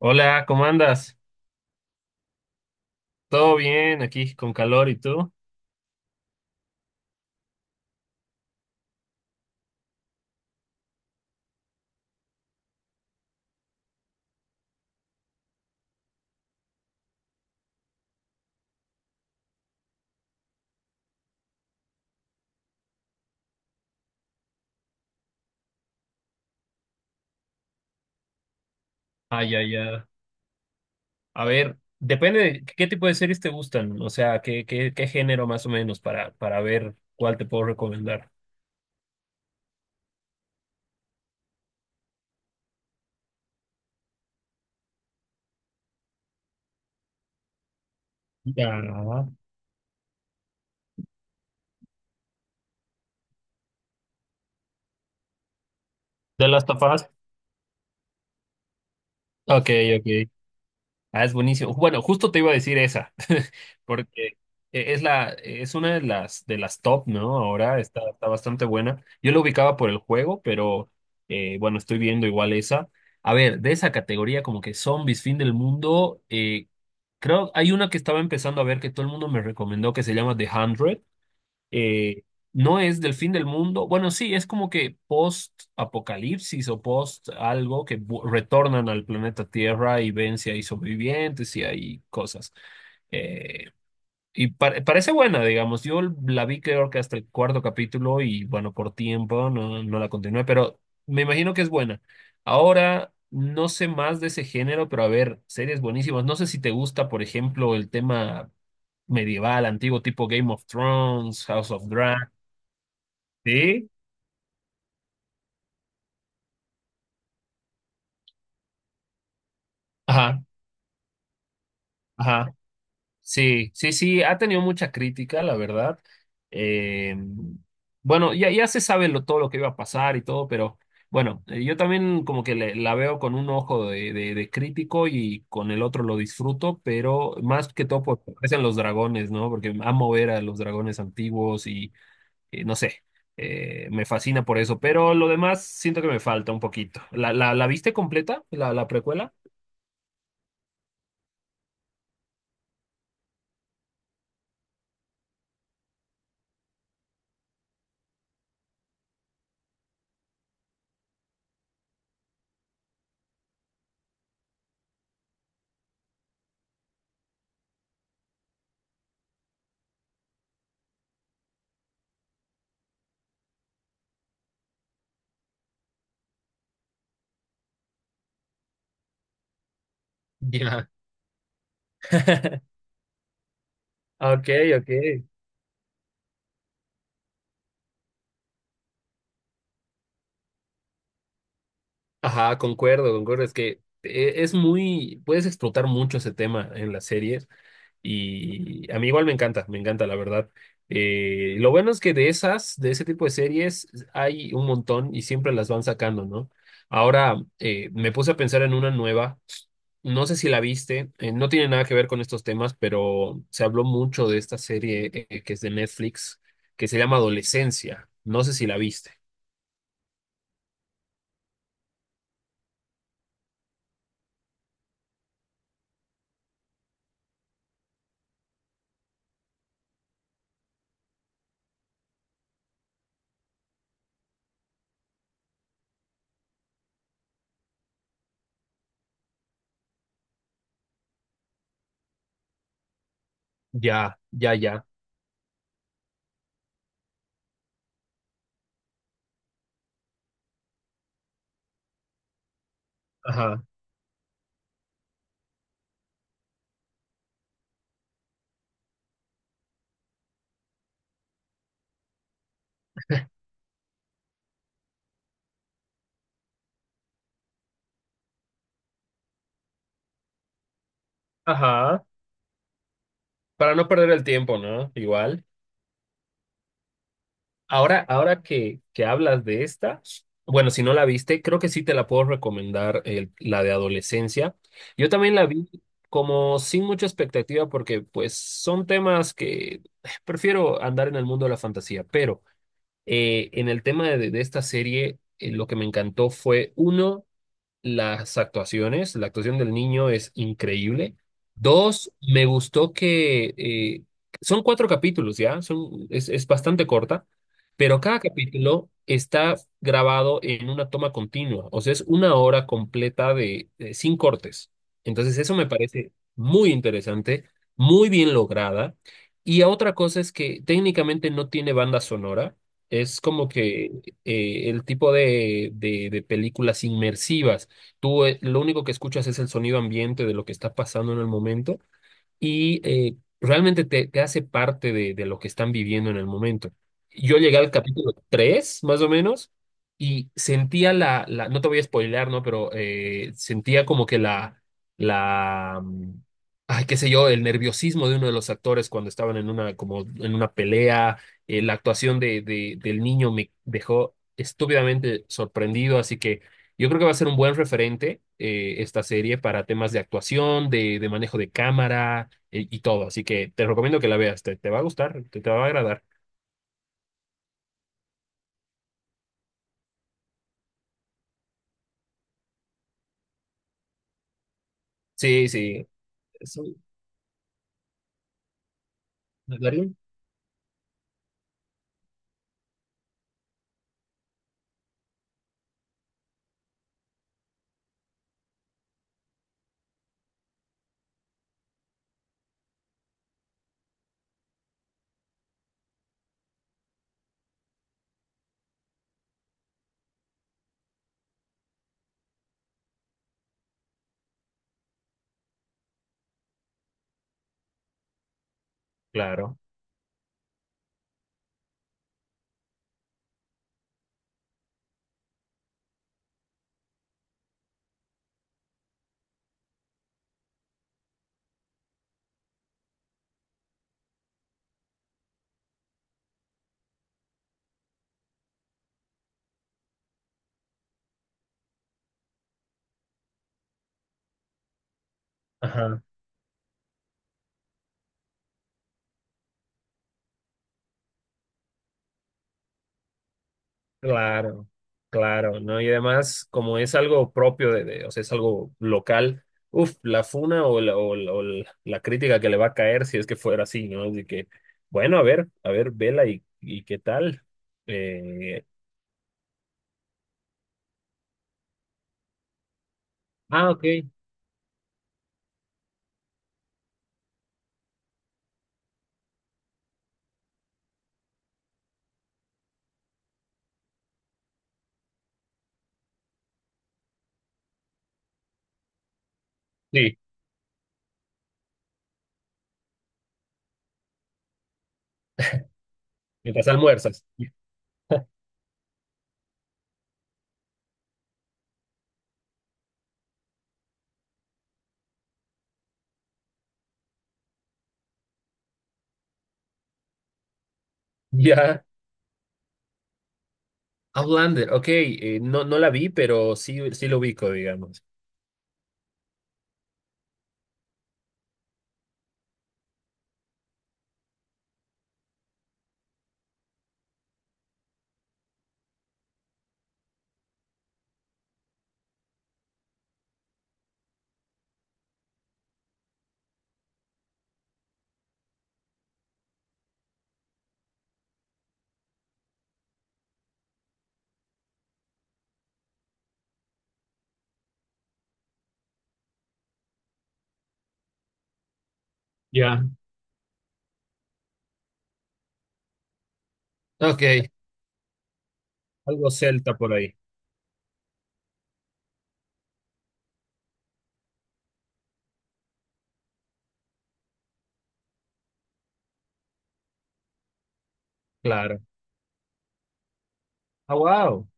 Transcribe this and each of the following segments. Hola, ¿cómo andas? ¿Todo bien aquí con calor y tú? Ay, ay, ay. A ver, depende de qué tipo de series te gustan, o sea, qué género más o menos para ver cuál te puedo recomendar. Ya. The Last of Us. Ok, ok. Ah, es buenísimo. Bueno, justo te iba a decir esa, porque es la, es una de las top, ¿no? Ahora está, está bastante buena. Yo la ubicaba por el juego, pero bueno, estoy viendo igual esa. A ver, de esa categoría como que zombies, fin del mundo, creo hay una que estaba empezando a ver que todo el mundo me recomendó que se llama The 100. eh, no es del fin del mundo. Bueno, sí, es como que post-apocalipsis o post algo que retornan al planeta Tierra y ven si hay sobrevivientes y hay cosas. Eh, y parece buena, digamos. Yo la vi creo que hasta el cuarto capítulo y bueno, por tiempo no, no la continué, pero me imagino que es buena. Ahora, no sé más de ese género, pero a ver, series buenísimas. No sé si te gusta, por ejemplo, el tema medieval, antiguo, tipo Game of Thrones, House of Dragons. Sí, ajá, ajá. Sí, sí, sí, ha tenido mucha crítica, la verdad. Eh, bueno, ya, ya se sabe lo, todo lo que iba a pasar y todo, pero bueno, yo también como que la veo con un ojo de, de crítico y con el otro lo disfruto, pero más que todo porque aparecen los dragones, ¿no? Porque amo ver a los dragones antiguos y no sé, me fascina por eso, pero lo demás siento que me falta un poquito. ¿La viste completa, la precuela? Ya. Ok, ok. Ajá, concuerdo, concuerdo. Es que es muy, puedes explotar mucho ese tema en las series y a mí igual me encanta, la verdad. Lo bueno es que de esas, de ese tipo de series hay un montón y siempre las van sacando, ¿no? Ahora me puse a pensar en una nueva, no sé si la viste, no tiene nada que ver con estos temas, pero se habló mucho de esta serie que es de Netflix, que se llama Adolescencia. No sé si la viste. Ya, ya, ya. Ajá. Ajá. Para no perder el tiempo, ¿no? Igual. Ahora, ahora que hablas de esta, bueno, si no la viste, creo que sí te la puedo recomendar, la de adolescencia. Yo también la vi como sin mucha expectativa porque pues son temas que prefiero andar en el mundo de la fantasía, pero en el tema de esta serie, lo que me encantó fue, uno, las actuaciones, la actuación del niño es increíble. Dos, me gustó que son cuatro capítulos, ¿ya? Son, es bastante corta, pero cada capítulo está grabado en una toma continua, o sea, es una hora completa de, sin cortes. Entonces, eso me parece muy interesante, muy bien lograda. Y otra cosa es que técnicamente no tiene banda sonora. Es como que el tipo de películas inmersivas. Tú lo único que escuchas es el sonido ambiente de lo que está pasando en el momento y realmente te, te hace parte de lo que están viviendo en el momento. Yo llegué al capítulo 3 más o menos, y sentía la, no te voy a spoilear, ¿no? Pero sentía como que la, ay, qué sé yo, el nerviosismo de uno de los actores cuando estaban en una, como en una pelea, la actuación de, del niño me dejó estúpidamente sorprendido, así que. Yo creo que va a ser un buen referente esta serie para temas de actuación, de manejo de cámara, y todo. Así que te recomiendo que la veas, te va a gustar, te va a agradar. Sí, sí. Es un. ¿Darín? Claro, ajá, claro, claro, ¿no? Y además, como es algo propio de, o sea, es algo local, uff la funa o la, o la, o la crítica que le va a caer si es que fuera así, ¿no? Así que, bueno, a ver, vela y qué tal. Eh, ah, ok, sí, mientras almuerzas. Ya, Outlander, ok, no, no la vi, pero sí, sí lo ubico, digamos. Ya, ok, algo celta por ahí, claro. Ah, wow,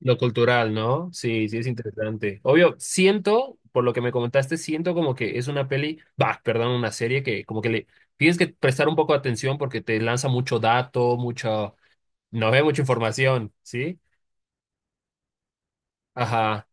lo cultural, ¿no? Sí, sí, es interesante. Obvio, siento, por lo que me comentaste, siento como que es una peli, bah, perdón, una serie que como que le tienes que prestar un poco de atención porque te lanza mucho dato, mucho, no ve mucha información, ¿sí? Ajá.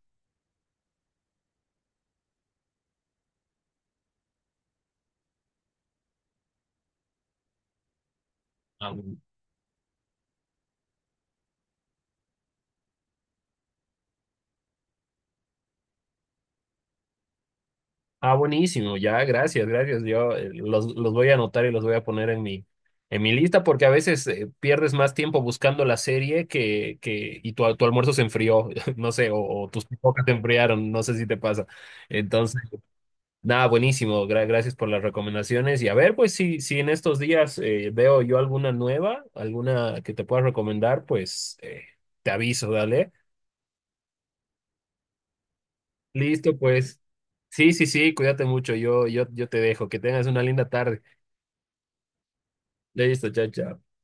Ah, buenísimo, ya, gracias, gracias. Yo los voy a anotar y los voy a poner en mi lista porque a veces pierdes más tiempo buscando la serie que y tu almuerzo se enfrió, no sé, o tus pipocas se enfriaron, no sé si te pasa. Entonces, nada, buenísimo, gracias por las recomendaciones. Y a ver, pues si, si en estos días veo yo alguna nueva, alguna que te pueda recomendar, pues te aviso, dale. Listo, pues. Sí, sí, sí, cuídate mucho, yo te dejo, que tengas una linda tarde. Leíste, chao, chao.